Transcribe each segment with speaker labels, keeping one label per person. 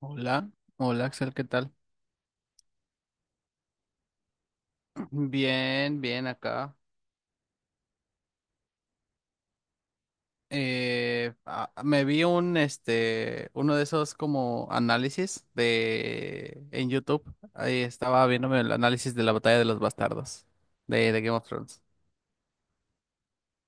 Speaker 1: Hola, hola Axel, ¿qué tal? Bien, bien acá. Me vi un uno de esos como análisis de en YouTube. Ahí estaba viéndome el análisis de la batalla de los bastardos de Game of Thrones.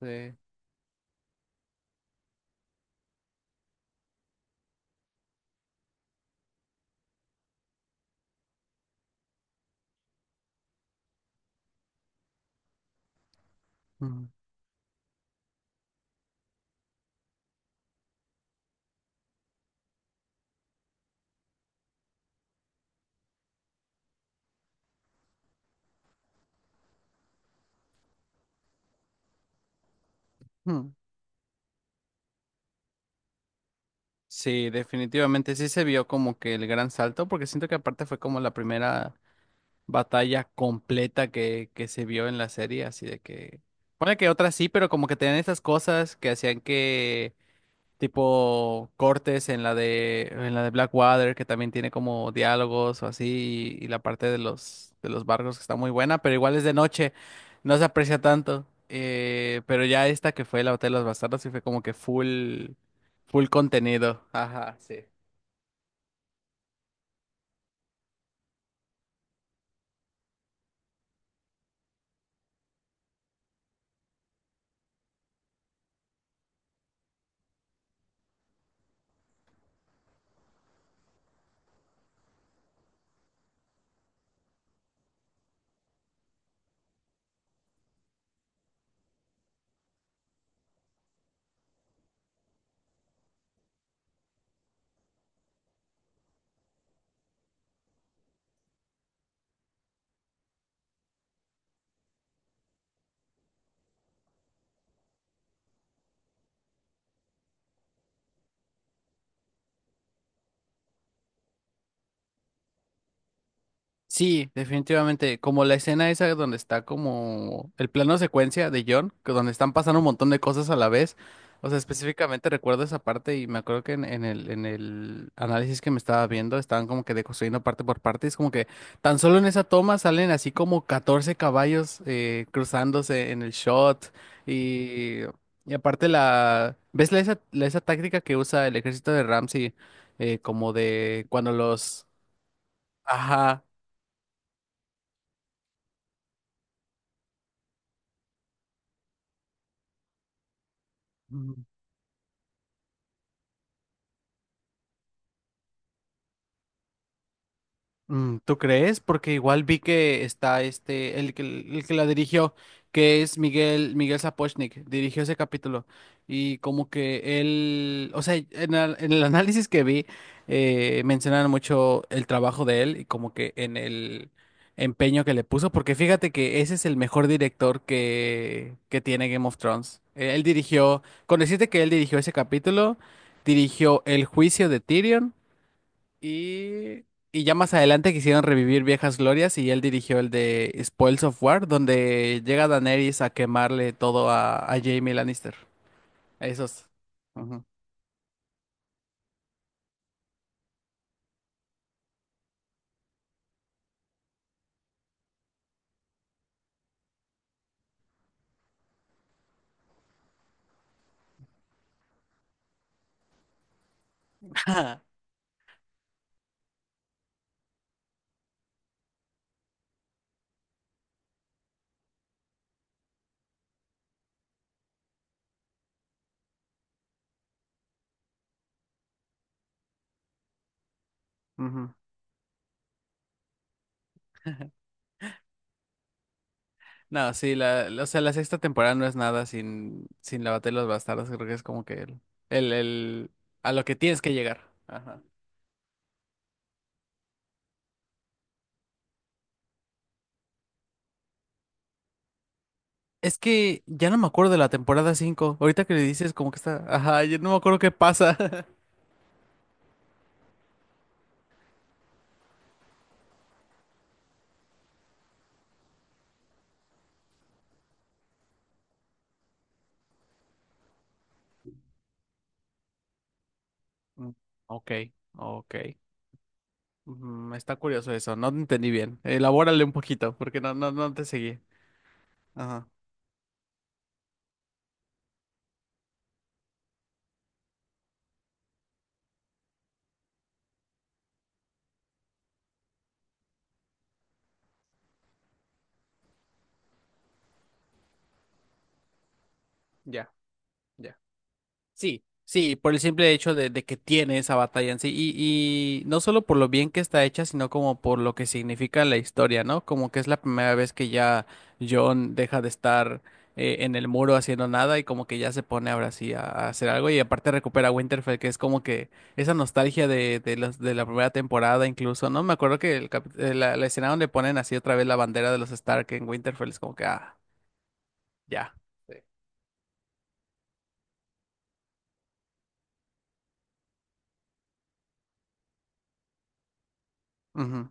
Speaker 1: Sí. Ujú. Ujú. Sí, definitivamente sí se vio como que el gran salto, porque siento que aparte fue como la primera batalla completa que se vio en la serie, así de que pone que otras sí, pero como que tenían estas cosas que hacían que tipo cortes en la de Blackwater, que también tiene como diálogos o así, y la parte de los barcos, que está muy buena, pero igual es de noche, no se aprecia tanto. Pero ya esta que fue la Hotel de los Bastardos sí fue como que full full contenido. Ajá, sí. Sí, definitivamente. Como la escena esa donde está como el plano secuencia de John, que donde están pasando un montón de cosas a la vez. O sea, específicamente recuerdo esa parte y me acuerdo que en el análisis que me estaba viendo estaban como que deconstruyendo parte por parte. Es como que tan solo en esa toma salen así como 14 caballos cruzándose en el shot. Y, y aparte la... ¿Ves la, esa, esa táctica que usa el ejército de Ramsey como de cuando los... Ajá. Mm, ¿tú crees? Porque igual vi que está este, el que la dirigió, que es Miguel, Miguel Sapochnik, dirigió ese capítulo. Y como que él, o sea, en el análisis que vi, mencionan mucho el trabajo de él y como que en el empeño que le puso, porque fíjate que ese es el mejor director que tiene Game of Thrones. Él dirigió, con decirte que él dirigió ese capítulo, dirigió El juicio de Tyrion. Y, y ya más adelante quisieron revivir viejas glorias y él dirigió el de Spoils of War, donde llega Daenerys a quemarle todo a Jaime Lannister. A esos. Ujú. Ujú. No, sí, la, o sea, la sexta temporada no es nada sin, sin la batalla de los bastardos. Creo que es como que el, el- a lo que tienes que llegar. Ajá. Es que ya no me acuerdo de la temporada cinco. Ahorita que le dices como que está, ajá, yo no me acuerdo qué pasa. Mm, ok, ok. Mm, está curioso eso, no te entendí bien. Elabórale un poquito, porque no te seguí. Ajá, ya, ya. Sí, sí, por el simple hecho de que tiene esa batalla en sí. Y no solo por lo bien que está hecha, sino como por lo que significa la historia, ¿no? Como que es la primera vez que ya John deja de estar en el muro haciendo nada, y como que ya se pone ahora sí a hacer algo. Y aparte recupera Winterfell, que es como que esa nostalgia de, de la primera temporada incluso, ¿no? Me acuerdo que la escena donde ponen así otra vez la bandera de los Stark en Winterfell es como que, ah, ya. Sí.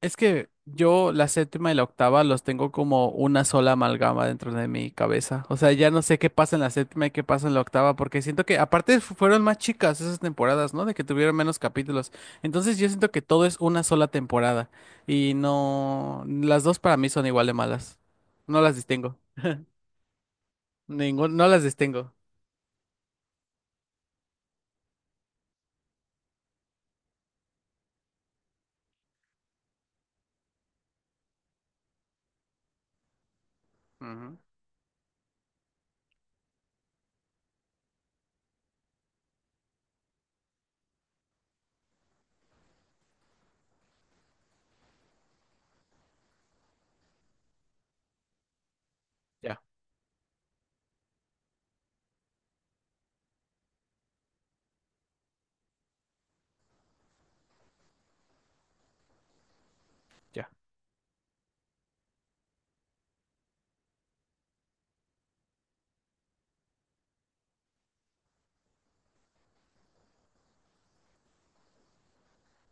Speaker 1: Es que yo la séptima y la octava los tengo como una sola amalgama dentro de mi cabeza. O sea, ya no sé qué pasa en la séptima y qué pasa en la octava, porque siento que aparte fueron más chicas esas temporadas, ¿no? De que tuvieron menos capítulos. Entonces yo siento que todo es una sola temporada, y no, las dos para mí son igual de malas. No las distingo. Ningún, no las distingo. Ujú, ya, ya.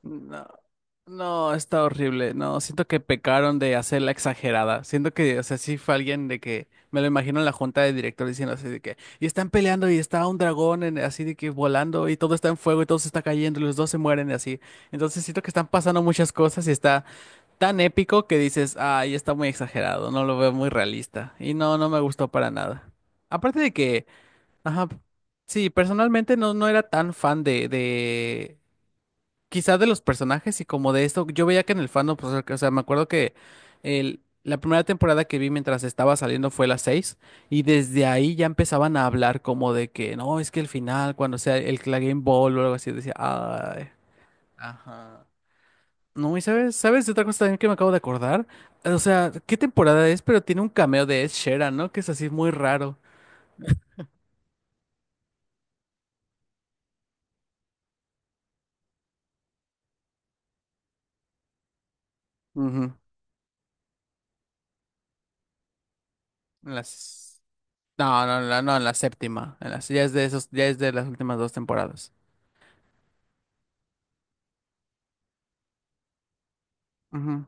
Speaker 1: No. No, está horrible. No, siento que pecaron de hacerla exagerada. Siento que, o sea, sí fue alguien de que me lo imagino en la junta de directores diciendo así de que y están peleando y está un dragón así de que volando y todo está en fuego y todo se está cayendo y los dos se mueren y así. Entonces siento que están pasando muchas cosas y está tan épico que dices, ay, está muy exagerado, no lo veo muy realista. Y no, no me gustó para nada. Aparte de que, ajá, sí, personalmente no, no era tan fan de quizá de los personajes y como de esto. Yo veía que en el fandom, pues, o sea, me acuerdo que la primera temporada que vi mientras estaba saliendo fue la seis, y desde ahí ya empezaban a hablar como de que, no, es que el final, cuando sea la Game Ball o algo así, decía, ay, ajá. No, y sabes, sabes de otra cosa también que me acabo de acordar, o sea, ¿qué temporada es? Pero tiene un cameo de Ed Sheeran, ¿no? Que es así muy raro. Ujú. En las... No, no, no, no, en la séptima, en las... ya es de esos, ya es de las últimas dos temporadas. Ujú.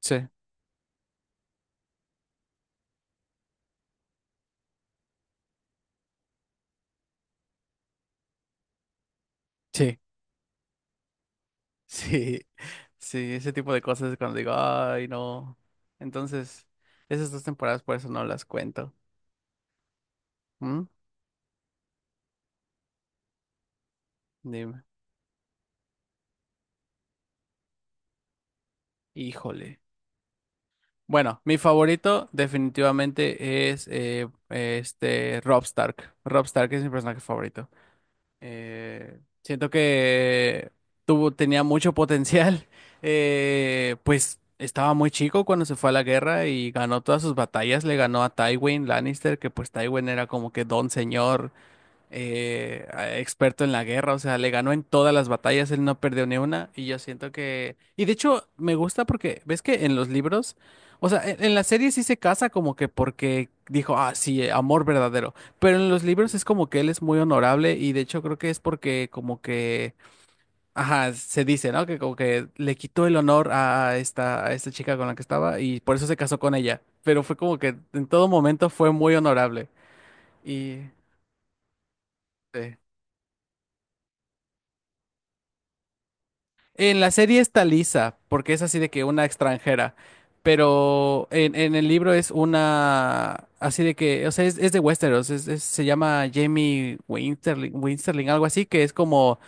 Speaker 1: Sí. Sí, sí, sí, ese tipo de cosas es cuando digo, ay, no. Entonces, esas dos temporadas por eso no las cuento. ¿Mm? Dime. Híjole. Bueno, mi favorito definitivamente es Rob Stark. Rob Stark es mi personaje favorito. Siento que tuvo, tenía mucho potencial. Pues estaba muy chico cuando se fue a la guerra y ganó todas sus batallas. Le ganó a Tywin Lannister, que pues Tywin era como que don señor, experto en la guerra. O sea, le ganó en todas las batallas, él no perdió ni una, y yo siento que... Y de hecho, me gusta porque, ¿ves que en los libros, o sea, en la serie sí se casa como que porque dijo, ah, sí, amor verdadero, pero en los libros es como que él es muy honorable, y de hecho creo que es porque como que, ajá, se dice, ¿no?, que como que le quitó el honor a esta chica con la que estaba, y por eso se casó con ella, pero fue como que en todo momento fue muy honorable y... sí. En la serie está Lisa, porque es así de que una extranjera, pero en el libro es una, así de que, o sea, es de Westeros, se llama Jamie Winterling, Winsterling, algo así, que es como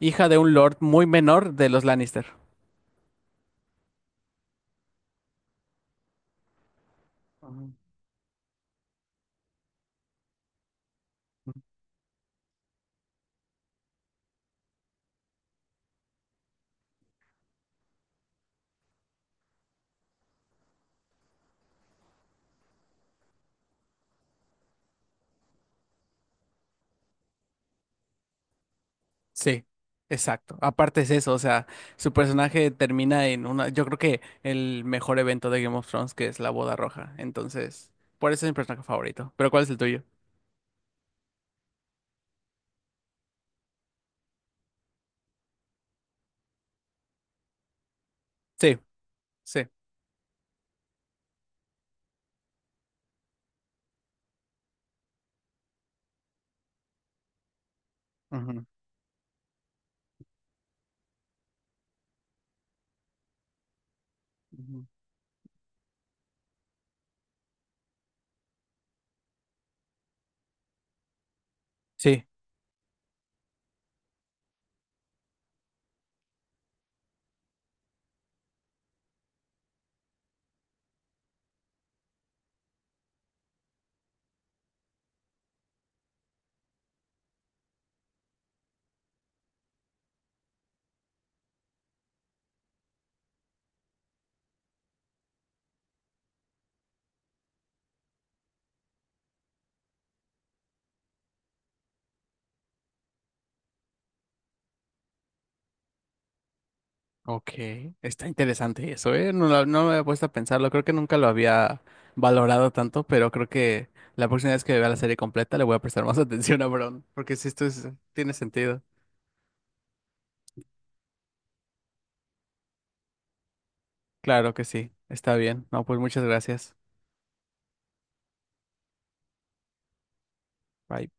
Speaker 1: hija de un lord muy menor de los Lannister. Ujú. Sí, exacto. Aparte es eso, o sea, su personaje termina en una, yo creo que el mejor evento de Game of Thrones, que es la boda roja. Entonces, por eso es mi personaje favorito. Pero ¿cuál es el tuyo? Sí, sí. Ujú. Ujú. Sí. Ok, está interesante eso, ¿eh? No, no me había puesto a pensarlo, creo que nunca lo había valorado tanto, pero creo que la próxima vez que vea la serie completa le voy a prestar más atención a Bron, porque si tiene sentido. Claro que sí, está bien. No, pues muchas gracias. Bye.